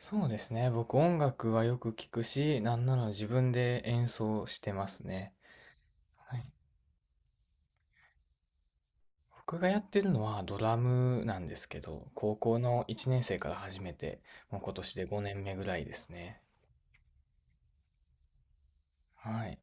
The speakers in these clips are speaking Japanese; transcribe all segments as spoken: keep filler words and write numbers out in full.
そうですね。僕音楽はよく聞くし、なんなら自分で演奏してますね。はい。僕がやってるのはドラムなんですけど、高校のいちねん生から始めて、もう今年でごねんめぐらいですね。はい。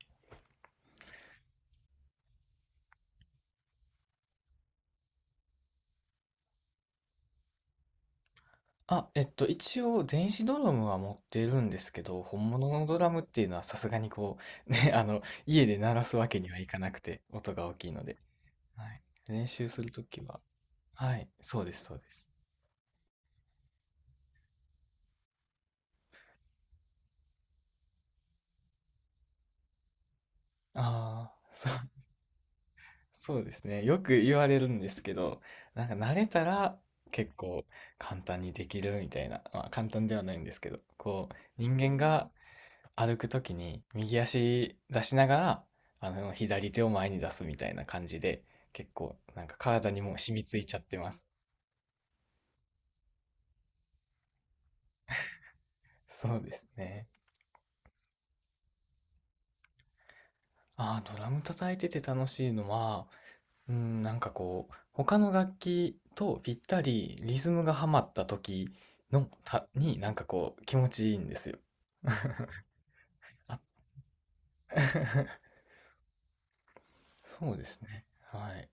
あ、えっと、一応電子ドラムは持ってるんですけど、本物のドラムっていうのはさすがにこう、ね、あの、家で鳴らすわけにはいかなくて、音が大きいので。はい。練習するときは、はい、そうです、そうです。ああ、そうそうですね。よく言われるんですけど、なんか慣れたら結構簡単にできるみたいな、まあ簡単ではないんですけど、こう人間が歩くときに右足出しながら、あの左手を前に出すみたいな感じで、結構なんか体にもう染みついちゃってます。そうですね。ああ、ドラム叩いてて楽しいのは、うん、なんかこう、他の楽器とぴったりリズムがはまった時のた、になんかこう気持ちいいんですよ。あ、そうですね。はい。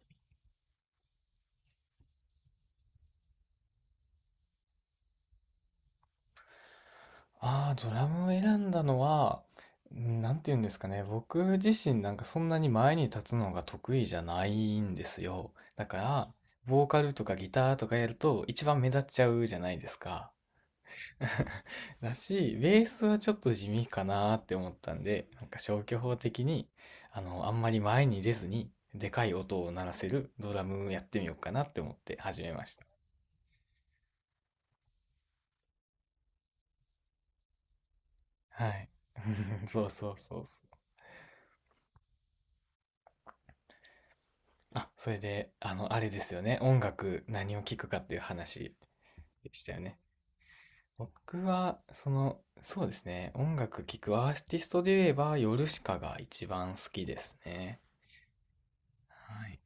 ああ、ドラムを選んだのは、んなんて言うんですかね。僕自身なんかそんなに前に立つのが得意じゃないんですよ。だから、ボーカルとかギターとかやると一番目立っちゃうじゃないですか。だし、ベースはちょっと地味かなーって思ったんで、なんか消去法的に、あの、あんまり前に出ずに、でかい音を鳴らせるドラムやってみようかなって思って始めました。はい。そうそうそうそう。あ、それで、あの、あれですよね。音楽、何を聴くかっていう話でしたよね。僕は、その、そうですね。音楽聴くアーティストで言えば、ヨルシカが一番好きですね。はい。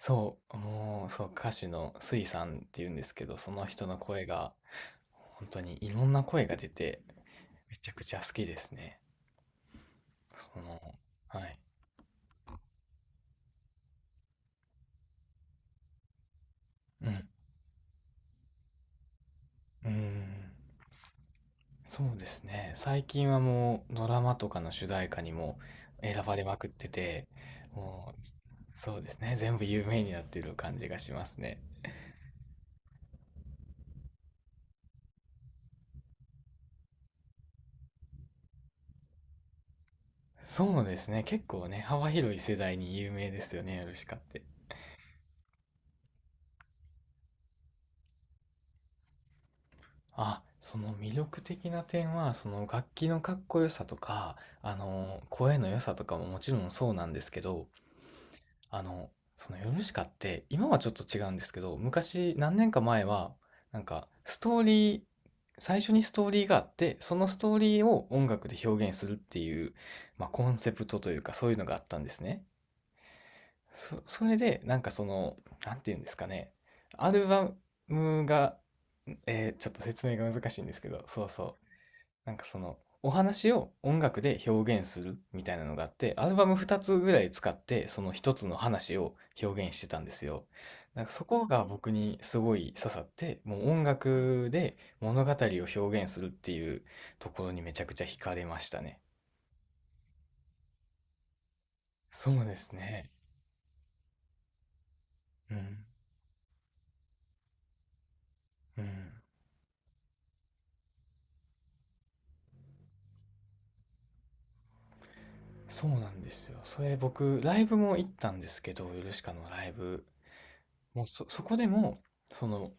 そう、もう、そう、歌手のスイさんっていうんですけど、その人の声が、本当にいろんな声が出て、めちゃくちゃ好きですね。その、はい。うん。うん。そうですね。最近はもうドラマとかの主題歌にも選ばれまくってて、もう、そうですね。全部有名になってる感じがしますね。そうですね。結構ね、幅広い世代に有名ですよね、ヨルシカって。あ、その魅力的な点は、その楽器のかっこよさとか、あの、声の良さとかももちろんそうなんですけど、あの、そのヨルシカって今はちょっと違うんですけど、昔何年か前はなんかストーリー、最初にストーリーがあって、そのストーリーを音楽で表現するっていう、まあ、コンセプトというかそういうのがあったんですね。そ、それでなんかその、なんていうんですかね。アルバムが、えーちょっと説明が難しいんですけど、そうそう。なんかそのお話を音楽で表現するみたいなのがあって、アルバムふたつぐらい使って、その一つの話を表現してたんですよ。なんかそこが僕にすごい刺さって、もう音楽で物語を表現するっていうところにめちゃくちゃ惹かれましたね。そうですね。うん。うん。そうなんですよ。それ僕ライブも行ったんですけど、ヨルシカのライブ。もうそ、そこでもその、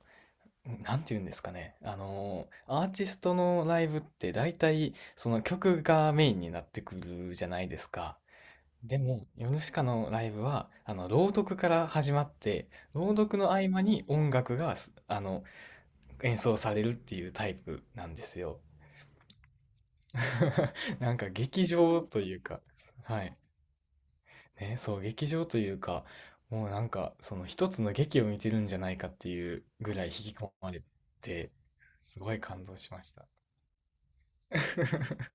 なんて言うんですかね。あのー、アーティストのライブって大体その曲がメインになってくるじゃないですか。でも、ヨルシカのライブは、あの、朗読から始まって、朗読の合間に音楽がす、あの、演奏されるっていうタイプなんですよ。なんか劇場というか、はい。ね、そう、劇場というか、もうなんか、その一つの劇を見てるんじゃないかっていうぐらい引き込まれて、すごい感動しました。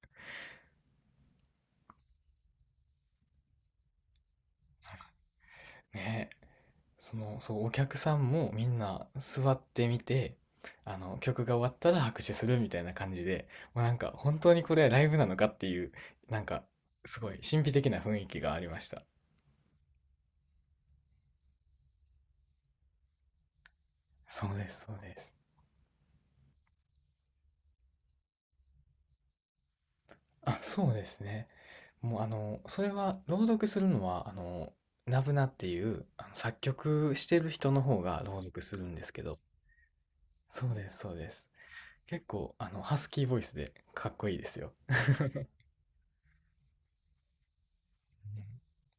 ねえ、そのそう、お客さんもみんな座ってみて、あの曲が終わったら拍手するみたいな感じで、もうなんか本当にこれライブなのかっていう、なんかすごい神秘的な雰囲気がありました。そうです、そうです。あ、そうですね。もうあのそれは朗読するのは、あのナブナっていうあの作曲してる人の方が朗読するんですけど、そうです、そうです。結構あのハスキーボイスでかっこいいですよ。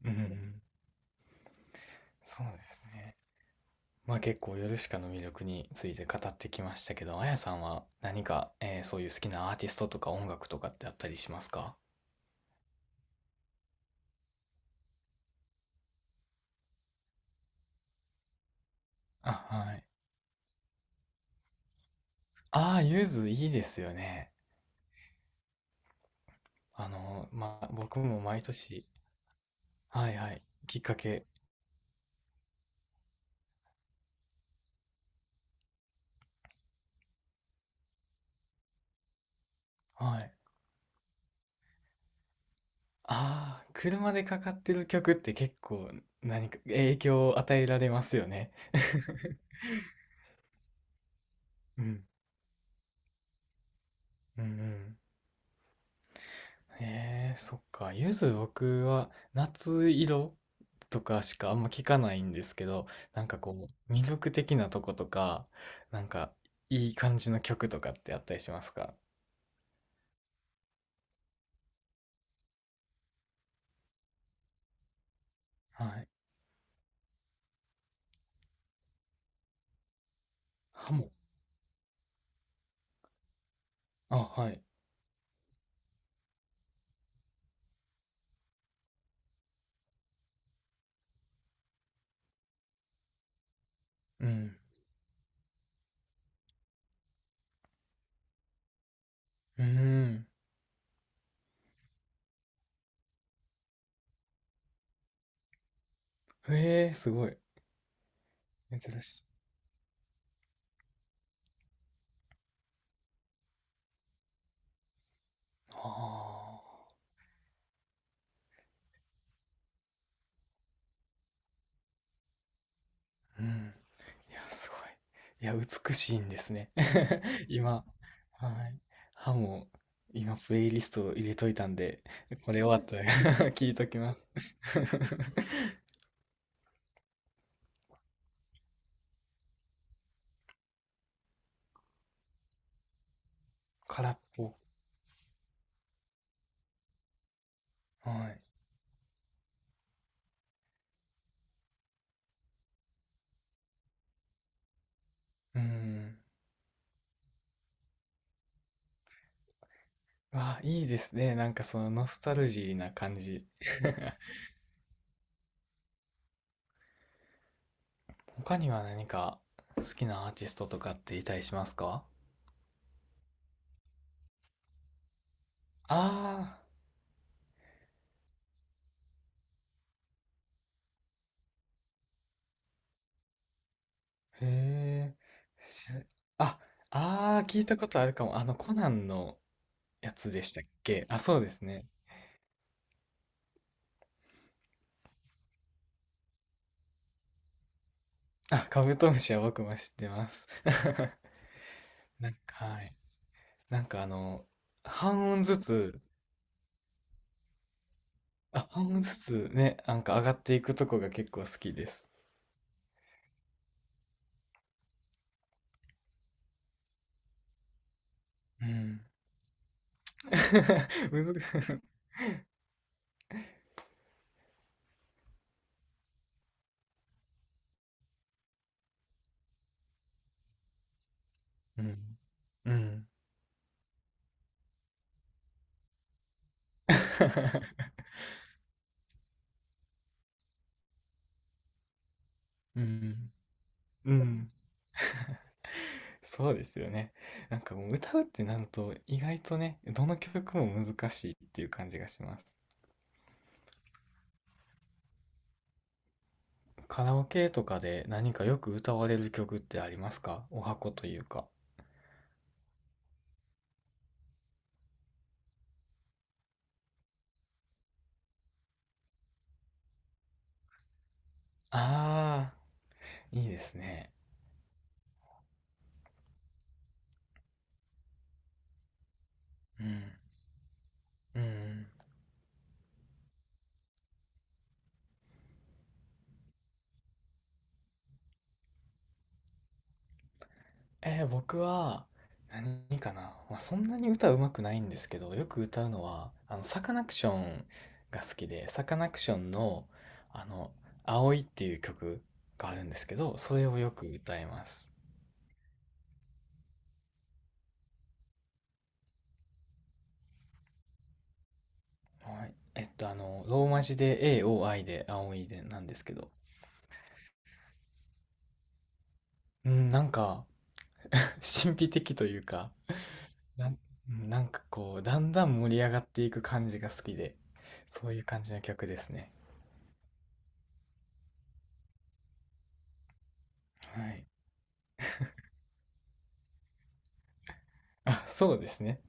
うんうんうん。そうですね。まあ結構ヨルシカの魅力について語ってきましたけど、あやさんは何か、えーそういう好きなアーティストとか音楽とかってあったりしますか？あ、はい。ああ、ゆずいいですよね。あの、まあ僕も毎年、はいはい、きっかけ、はい。ああ、車でかかってる曲って結構何か影響を与えられますよね。うん。うんうん。へえ、そっか。ゆず、僕は夏色とかしかあんま聞かないんですけど、なんかこう、魅力的なとことか、なんかいい感じの曲とかってあったりしますか？はい。ハモ。あ、はい。うん。うーん。へえ、すごい。珍しい。ああ。うん。いや、すごい。いや、美しいんですね。今。はい。ハモ、今プレイリストを入れといたんで、これ終わったら 聞いときます。空っぽ。はい。うん。あ、いいですね。なんかそのノスタルジーな感じ。他には何か好きなアーティストとかっていたりしますか？ああー、へえ。知らあ、ああ、聞いたことあるかも。あの、コナンのやつでしたっけ？あ、そうですね。あ、カブトムシは僕も知ってます。なんか、はい。なんかあの、半音ずつ、あ、半音ずつね、なんか上がっていくとこが結構好きです。うん。むず うん。うん。うん。うん。そうですよね。なんかもう歌うってなると意外とね、どの曲も難しいっていう感じがします。カラオケとかで何かよく歌われる曲ってありますか？お箱というか。ああ、いいですね。うん。うん。えー僕は何かな、まあ、そんなに歌うまくないんですけど、よく歌うのはあのサカナクションが好きで、サカナクションのあの「青い」っていう曲があるんですけど、それをよく歌います。はい、えっとあのローマ字で エーオーアイ で「青い」でなんですけど、うん、なんか 神秘的というか、なんうんなんかこうだんだん盛り上がっていく感じが好きで、そういう感じの曲ですね。はい。あ、そうですね。